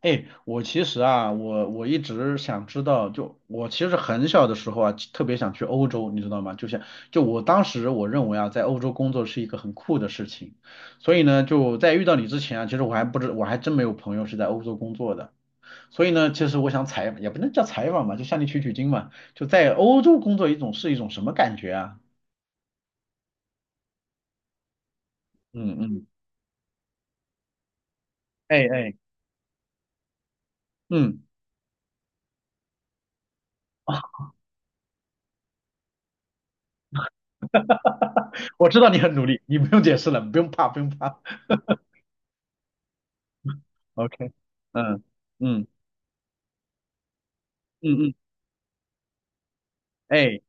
哎，我其实啊，我一直想知道，就我其实很小的时候啊，特别想去欧洲，你知道吗？就像我当时我认为啊，在欧洲工作是一个很酷的事情，所以呢，就在遇到你之前啊，其实我还真没有朋友是在欧洲工作的，所以呢，其实我想采也不能叫采访吧，就向你取取经嘛，就在欧洲工作一种是一种什么感觉啊？嗯嗯，哎哎，嗯。我知道你很努力，你不用解释了，不用怕不用怕，OK,嗯嗯。嗯嗯，哎，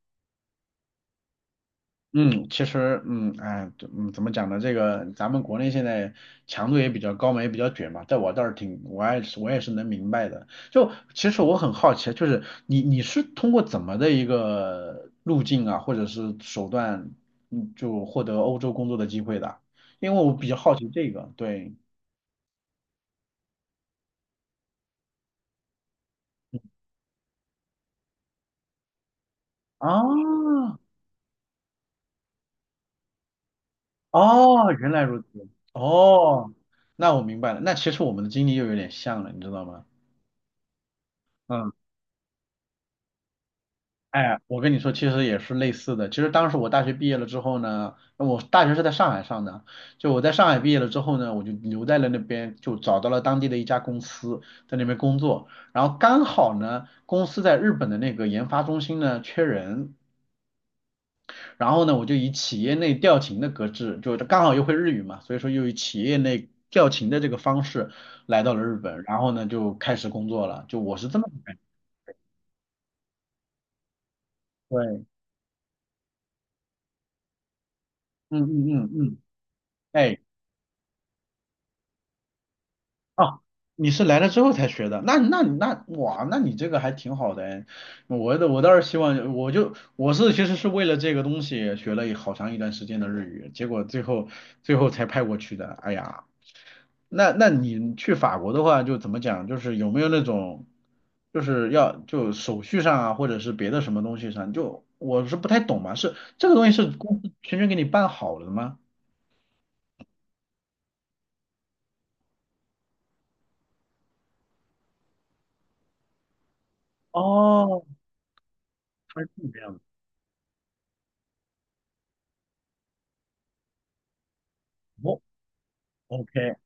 嗯，其实，怎么讲呢？这个咱们国内现在强度也比较高嘛，也比较卷嘛，在我倒是挺，我也是，我也是能明白的。就其实我很好奇，就是你是通过怎么的一个路径啊，或者是手段，就获得欧洲工作的机会的？因为我比较好奇这个，对。啊，哦，原来如此，哦，那我明白了，那其实我们的经历又有点像了，你知道吗？嗯。哎，我跟你说，其实也是类似的。其实当时我大学毕业了之后呢，我大学是在上海上的，就我在上海毕业了之后呢，我就留在了那边，就找到了当地的一家公司，在那边工作。然后刚好呢，公司在日本的那个研发中心呢缺人，然后呢，我就以企业内调勤的格式，就刚好又会日语嘛，所以说又以企业内调勤的这个方式来到了日本，然后呢就开始工作了。就我是这么个感觉。对，嗯嗯嗯嗯，哎。哦，你是来了之后才学的，那哇，那你这个还挺好的哎。我倒是希望，我其实是为了这个东西学了好长一段时间的日语，结果最后才派过去的。哎呀，那你去法国的话，就怎么讲，就是有没有那种，就是要就手续上啊，或者是别的什么东西上，就我是不太懂嘛，是这个东西是公司全权给你办好了的吗？哦，它是这样的。哦，OK。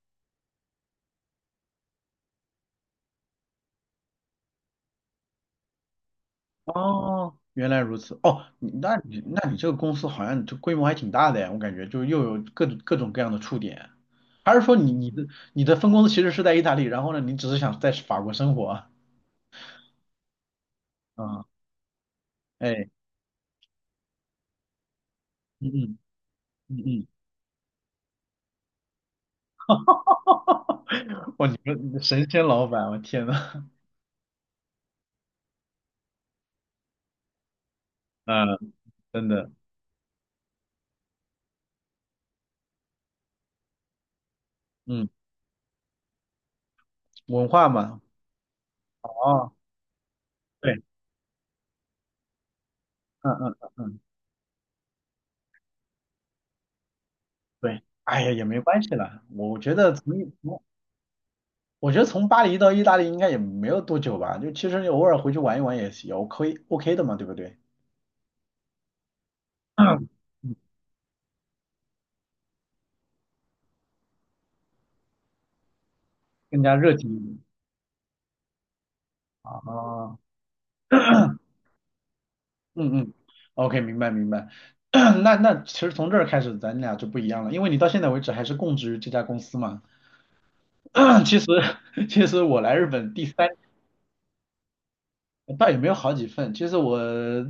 哦，原来如此。哦，你这个公司好像就规模还挺大的呀，我感觉就又有各种各样的触点。还是说你的分公司其实是在意大利，然后呢，你只是想在法国生活啊？嗯哎，嗯嗯嗯嗯。哇，你的神仙老板，我天呐，嗯，真的，嗯，文化嘛，哦，对，嗯嗯嗯嗯，对，哎呀，也没关系啦，我觉得从巴黎到意大利应该也没有多久吧，就其实你偶尔回去玩一玩也 OK OK 的嘛，对不对？嗯更加热情一点啊。嗯嗯，OK,明白明白。那其实从这儿开始咱俩就不一样了，因为你到现在为止还是供职于这家公司嘛。其实其实我来日本第三倒也没有好几份。其实我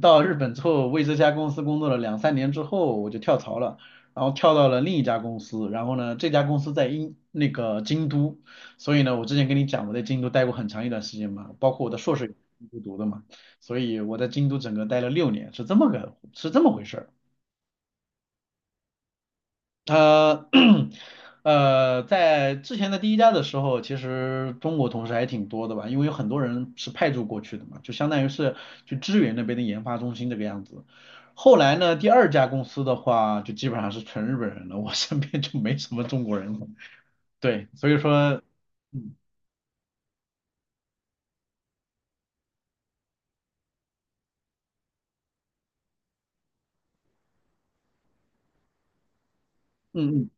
到日本之后，为这家公司工作了两三年之后，我就跳槽了，然后跳到了另一家公司。然后呢，这家公司在那个京都，所以呢，我之前跟你讲我在京都待过很长一段时间嘛，包括我的硕士也是京都读的嘛，所以我在京都整个待了6年，是这么个是这么回事儿。呃，呃，在之前的第一家的时候，其实中国同事还挺多的吧，因为有很多人是派驻过去的嘛，就相当于是去支援那边的研发中心这个样子。后来呢，第二家公司的话，就基本上是纯日本人了，我身边就没什么中国人了。对，所以说，嗯嗯嗯。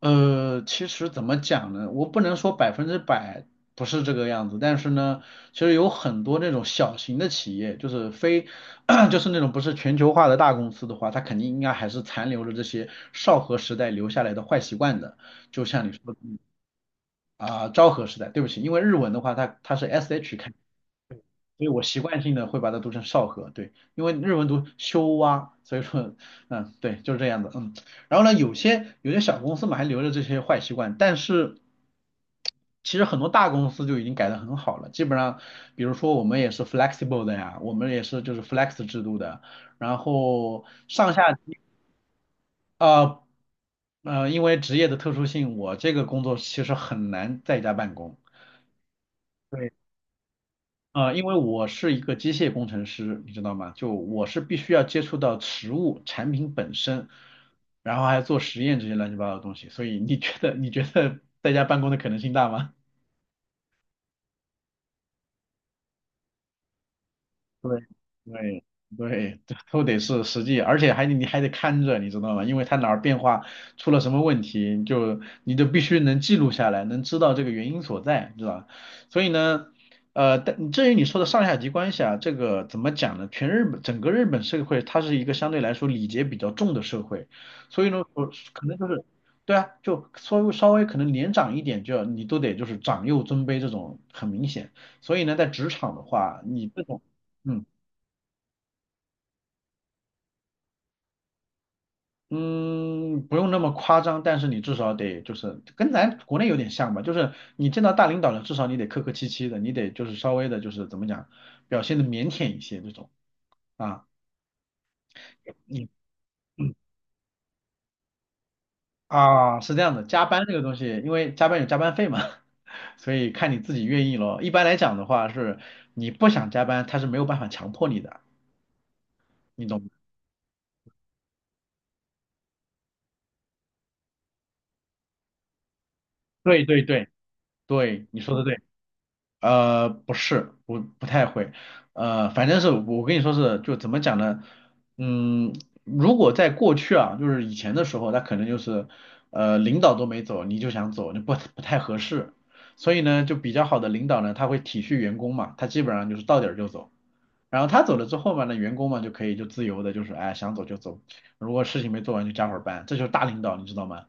呃，其实怎么讲呢？我不能说百分之百不是这个样子，但是呢，其实有很多那种小型的企业，就是非，就是那种不是全球化的大公司的话，它肯定应该还是残留了这些昭和时代留下来的坏习惯的。就像你说的啊、昭和时代，对不起，因为日文的话它是 sh 开。所以我习惯性的会把它读成少河，对，因为日文读修蛙，所以说，嗯，对，就是这样的，嗯。然后呢，有些小公司嘛还留着这些坏习惯，但是其实很多大公司就已经改得很好了，基本上，比如说我们也是 flexible 的呀，我们也是就是 flex 制度的，然后上下级呃呃，因为职业的特殊性，我这个工作其实很难在家办公。对。啊，因为我是一个机械工程师，你知道吗？就我是必须要接触到实物产品本身，然后还要做实验这些乱七八糟的东西，所以你觉得在家办公的可能性大吗？对对对，这都得是实际，而且你还得看着，你知道吗？因为它哪儿变化出了什么问题，你就必须能记录下来，能知道这个原因所在，是吧？所以呢，呃，但至于你说的上下级关系啊，这个怎么讲呢？全日本整个日本社会，它是一个相对来说礼节比较重的社会，所以呢，我可能就是。对啊，就稍微可能年长一点就要，你都得就是长幼尊卑这种很明显，所以呢，在职场的话，你这种。嗯。嗯，不用那么夸张，但是你至少得就是跟咱国内有点像吧，就是你见到大领导了，至少你得客客气气的，你得就是稍微的，就是怎么讲，表现的腼腆一些这种啊。你嗯 啊，是这样的，加班这个东西，因为加班有加班费嘛，所以看你自己愿意咯。一般来讲的话是，你不想加班，他是没有办法强迫你的，你懂吗？对对对对，你说的对。呃，不是，不太会，呃，反正是我跟你说是，就怎么讲呢？嗯，如果在过去啊，就是以前的时候，他可能就是，呃，领导都没走，你就想走，那不太合适。所以呢，就比较好的领导呢，他会体恤员工嘛，他基本上就是到点儿就走。然后他走了之后嘛，那员工嘛就可以就自由的，就是哎想走就走，如果事情没做完就加会儿班，这就是大领导，你知道吗？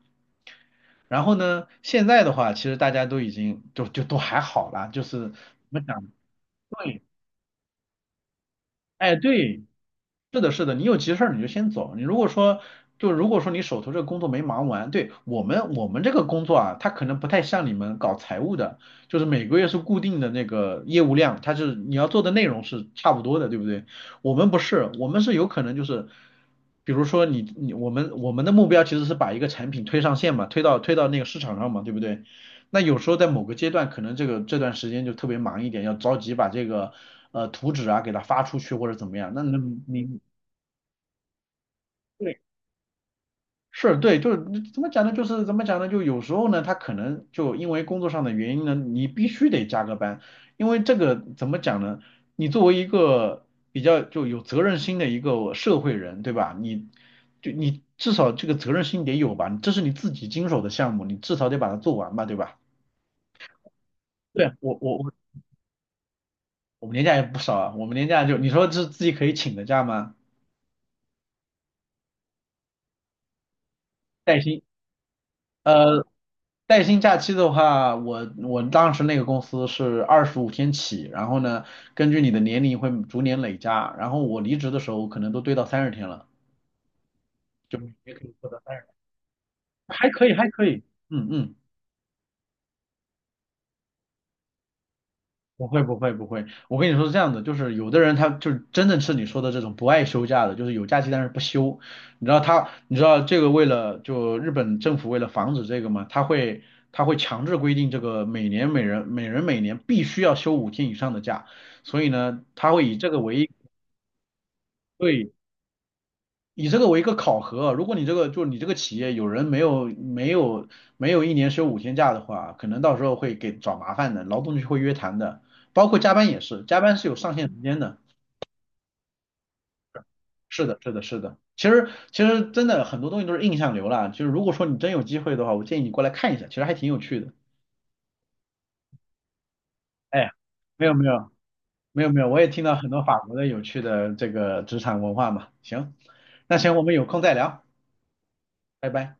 然后呢，现在的话，其实大家都已经就都还好啦，就是怎么讲？对，哎，对，是的，是的，你有急事儿你就先走。你如果说，就如果说你手头这个工作没忙完，对，我们这个工作啊，它可能不太像你们搞财务的，就是每个月是固定的那个业务量，它是你要做的内容是差不多的，对不对？我们不是，我们是有可能就是，比如说我们的目标其实是把一个产品推上线嘛，推到那个市场上嘛，对不对？那有时候在某个阶段，可能这个这段时间就特别忙一点，要着急把这个呃图纸啊给它发出去或者怎么样。那那你对是对，就是怎么讲呢？就是怎么讲呢？就有时候呢，他可能就因为工作上的原因呢，你必须得加个班，因为这个怎么讲呢？你作为一个比较就有责任心的一个社会人，对吧？你至少这个责任心得有吧？这是你自己经手的项目，你至少得把它做完吧，对吧？对，我我们年假也不少啊，我们年假就你说是自己可以请的假吗？带薪，呃，带薪假期的话，我当时那个公司是25天起，然后呢，根据你的年龄会逐年累加，然后我离职的时候可能都堆到30天了，就也可以获得三十，还可以还可以，嗯嗯，不会不会不会，我跟你说是这样的，就是有的人他就是真的是你说的这种不爱休假的，就是有假期但是不休。你知道他，你知道这个为了就日本政府为了防止这个嘛，他会强制规定这个每年每人每年必须要休五天以上的假，所以呢，他会以这个为对以这个为一个考核啊，如果你这个就你这个企业有人没有一年休5天假的话，可能到时候会给找麻烦的，劳动局会约谈的，包括加班也是，加班是有上限时间的。是的，是的，是的。其实真的很多东西都是印象流啦，就是如果说你真有机会的话，我建议你过来看一下，其实还挺有趣的。哎，没有没有没有没有，我也听到很多法国的有趣的这个职场文化嘛。行，那行，我们有空再聊，拜拜。